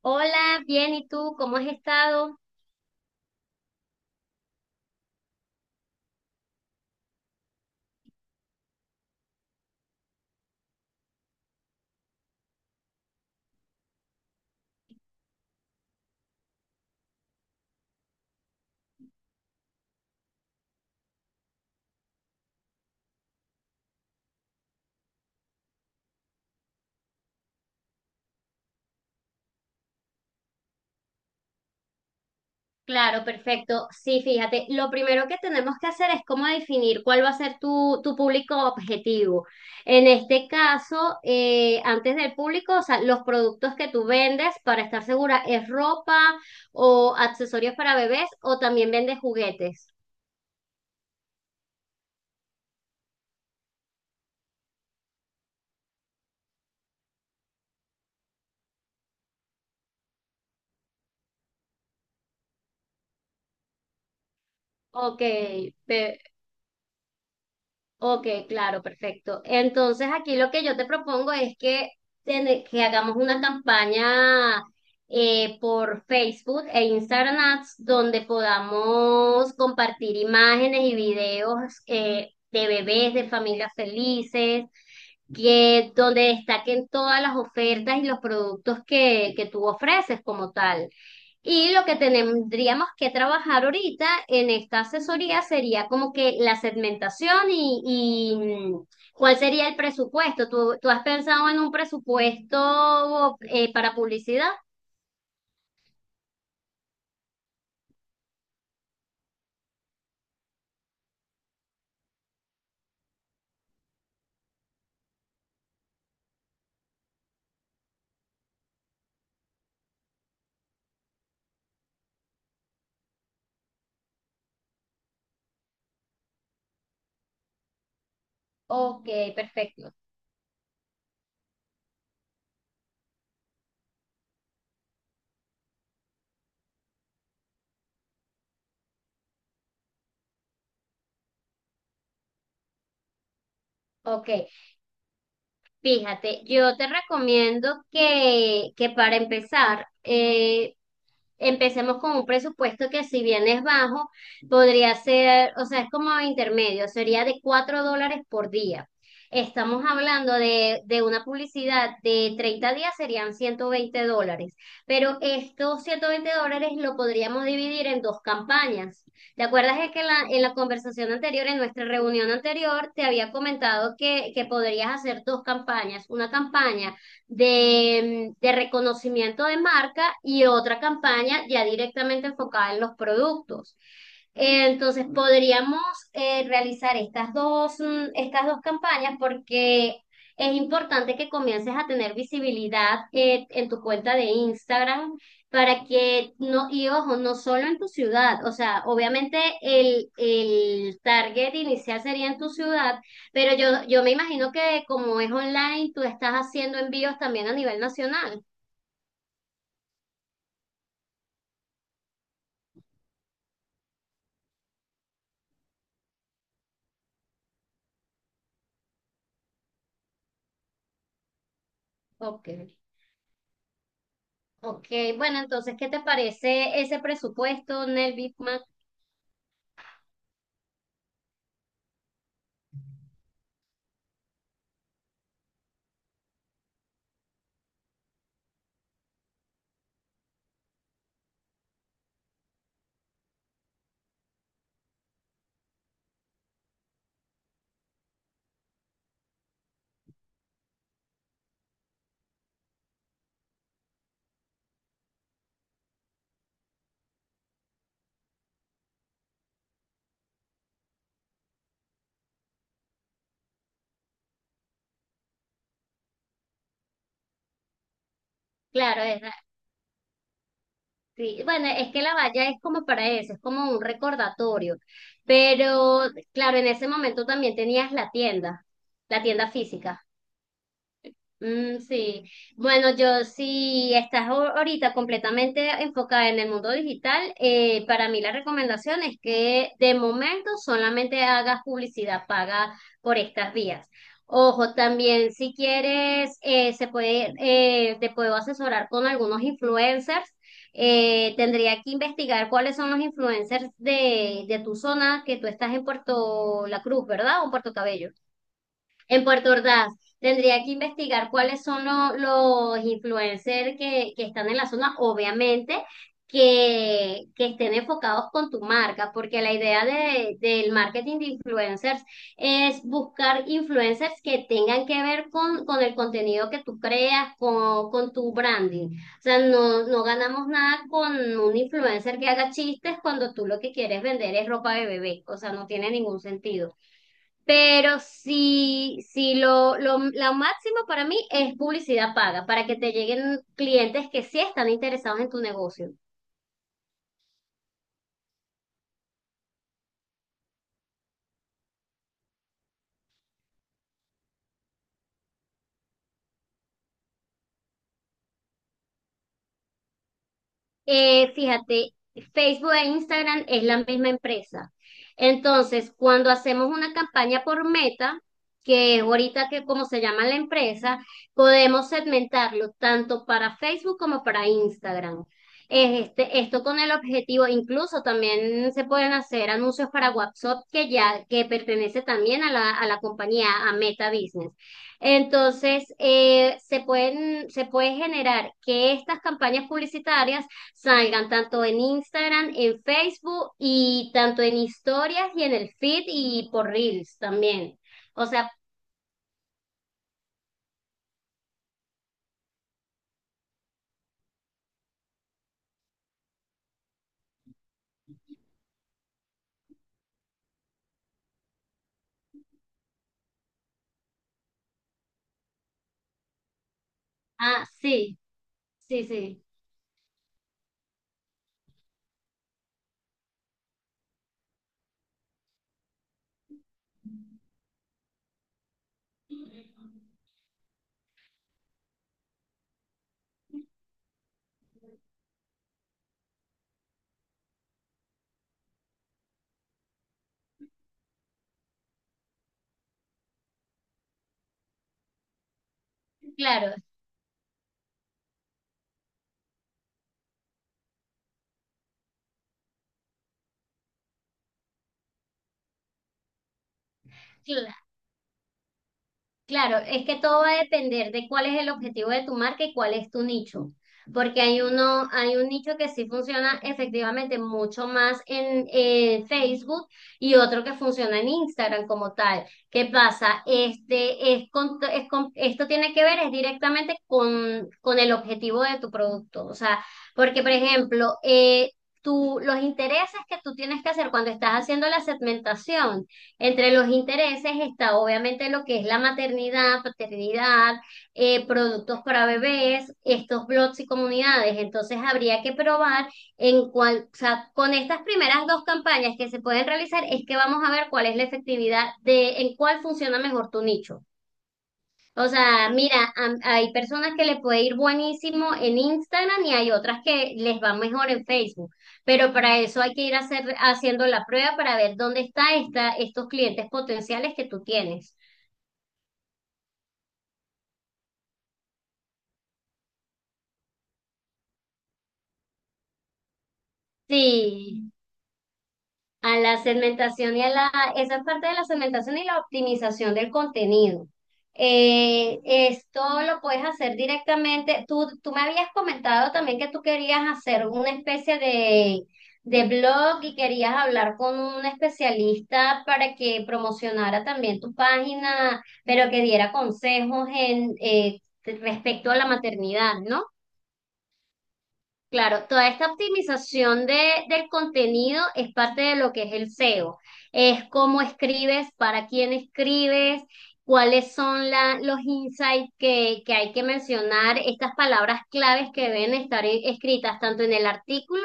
Hola, bien, ¿y tú cómo has estado? Claro, perfecto. Sí, fíjate, lo primero que tenemos que hacer es cómo definir cuál va a ser tu público objetivo. En este caso, antes del público, o sea, los productos que tú vendes, para estar segura, ¿es ropa o accesorios para bebés o también vendes juguetes? Ok, pe- ok, claro, perfecto. Entonces aquí lo que yo te propongo es que que hagamos una campaña por Facebook e Instagram Ads donde podamos compartir imágenes y videos de bebés, de familias felices, que donde destaquen todas las ofertas y los productos que tú ofreces como tal. Y lo que tendríamos que trabajar ahorita en esta asesoría sería como que la segmentación y cuál sería el presupuesto. ¿Tú has pensado en un presupuesto para publicidad? Ok, perfecto. Ok, fíjate, yo te recomiendo que para empezar, empecemos con un presupuesto que si bien es bajo, podría ser, o sea, es como intermedio, sería de 4 dólares por día. Estamos hablando de una publicidad de 30 días, serían 120 dólares, pero estos 120 dólares lo podríamos dividir en dos campañas. ¿Te acuerdas de que en en la conversación anterior, en nuestra reunión anterior, te había comentado que podrías hacer dos campañas? Una campaña de reconocimiento de marca y otra campaña ya directamente enfocada en los productos. Entonces podríamos realizar estas dos campañas porque es importante que comiences a tener visibilidad en tu cuenta de Instagram para que no, y ojo, no solo en tu ciudad, o sea, obviamente el target inicial sería en tu ciudad, pero yo me imagino que como es online, tú estás haciendo envíos también a nivel nacional. Ok. Ok, bueno, entonces, ¿qué te parece ese presupuesto, Nel Bitman? Claro, es, sí, bueno, es que la valla es como para eso, es como un recordatorio. Pero, claro, en ese momento también tenías la tienda física. Mm, sí, bueno, yo sí estás ahorita completamente enfocada en el mundo digital, para mí la recomendación es que de momento solamente hagas publicidad paga por estas vías. Ojo, también si quieres, se puede, te puedo asesorar con algunos influencers. Tendría que investigar cuáles son los influencers de tu zona, que tú estás en Puerto La Cruz, ¿verdad? O en Puerto Cabello. En Puerto Ordaz, tendría que investigar cuáles son los influencers que están en la zona, obviamente, que estén enfocados con tu marca, porque la idea del marketing de influencers es buscar influencers que tengan que ver con el contenido que tú creas, con tu branding. O sea, no, no ganamos nada con un influencer que haga chistes cuando tú lo que quieres vender es ropa de bebé, o sea, no tiene ningún sentido. Pero si, lo máximo para mí es publicidad paga, para que te lleguen clientes que sí están interesados en tu negocio. Fíjate, Facebook e Instagram es la misma empresa. Entonces, cuando hacemos una campaña por meta, que es ahorita que como se llama la empresa, podemos segmentarlo tanto para Facebook como para Instagram. Esto con el objetivo, incluso también se pueden hacer anuncios para WhatsApp que ya que pertenece también a a la compañía, a Meta Business. Entonces, se puede generar que estas campañas publicitarias salgan tanto en Instagram, en Facebook y tanto en historias y en el feed y por Reels también. O sea, ah, sí, sí, sí. Claro, claro. Claro, es que todo va a depender de cuál es el objetivo de tu marca y cuál es tu nicho, porque hay uno, hay un nicho que sí funciona efectivamente mucho más en Facebook y otro que funciona en Instagram como tal. ¿Qué pasa? Esto tiene que ver es directamente con el objetivo de tu producto, o sea, porque por ejemplo, los intereses que tú tienes que hacer cuando estás haciendo la segmentación. Entre los intereses está obviamente lo que es la maternidad, paternidad, productos para bebés, estos blogs y comunidades. Entonces habría que probar en cuál, o sea, con estas primeras dos campañas que se pueden realizar es que vamos a ver cuál es la efectividad de en cuál funciona mejor tu nicho. O sea, mira, hay personas que les puede ir buenísimo en Instagram y hay otras que les va mejor en Facebook, pero para eso hay que ir a hacer, haciendo la prueba para ver dónde está, esta, estos clientes potenciales que tú tienes. Sí. A la segmentación y a la, esa es parte de la segmentación y la optimización del contenido. Esto lo puedes hacer directamente. Tú me habías comentado también que tú querías hacer una especie de blog y querías hablar con un especialista para que promocionara también tu página, pero que diera consejos en, respecto a la maternidad, ¿no? Claro, toda esta optimización del contenido es parte de lo que es el SEO. Es cómo escribes, para quién escribes, cuáles son los insights que hay que mencionar, estas palabras claves que deben estar escritas tanto en el artículo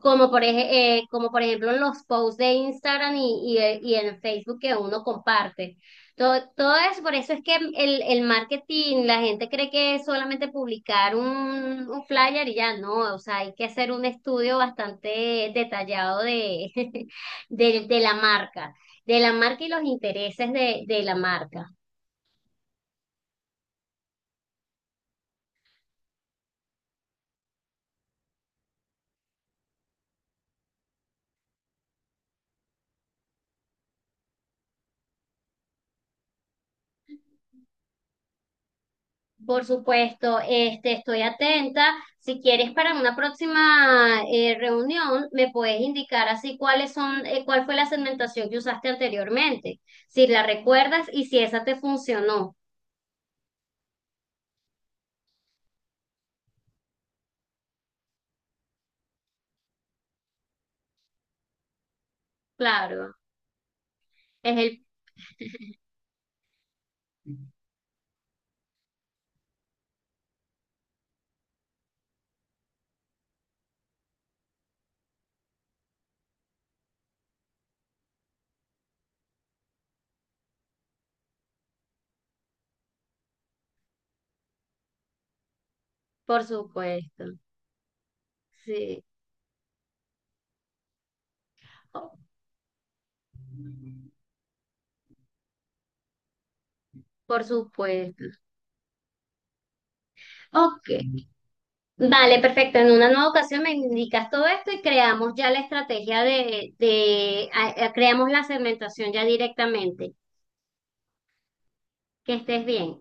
como por, ej- como por ejemplo en los posts de Instagram y en Facebook que uno comparte. Todo, todo eso, por eso es que el marketing, la gente cree que es solamente publicar un flyer y ya no, o sea, hay que hacer un estudio bastante detallado de, de, de la marca, de la marca y los intereses de la marca. Por supuesto, este, estoy atenta. Si quieres para una próxima reunión, me puedes indicar así cuáles son, cuál fue la segmentación que usaste anteriormente, si la recuerdas y si esa te funcionó. Claro. Es el, por supuesto, sí, o- por supuesto. Ok, vale, perfecto. En una nueva ocasión me indicas todo esto y creamos ya la estrategia de, creamos la segmentación ya directamente. Que estés bien.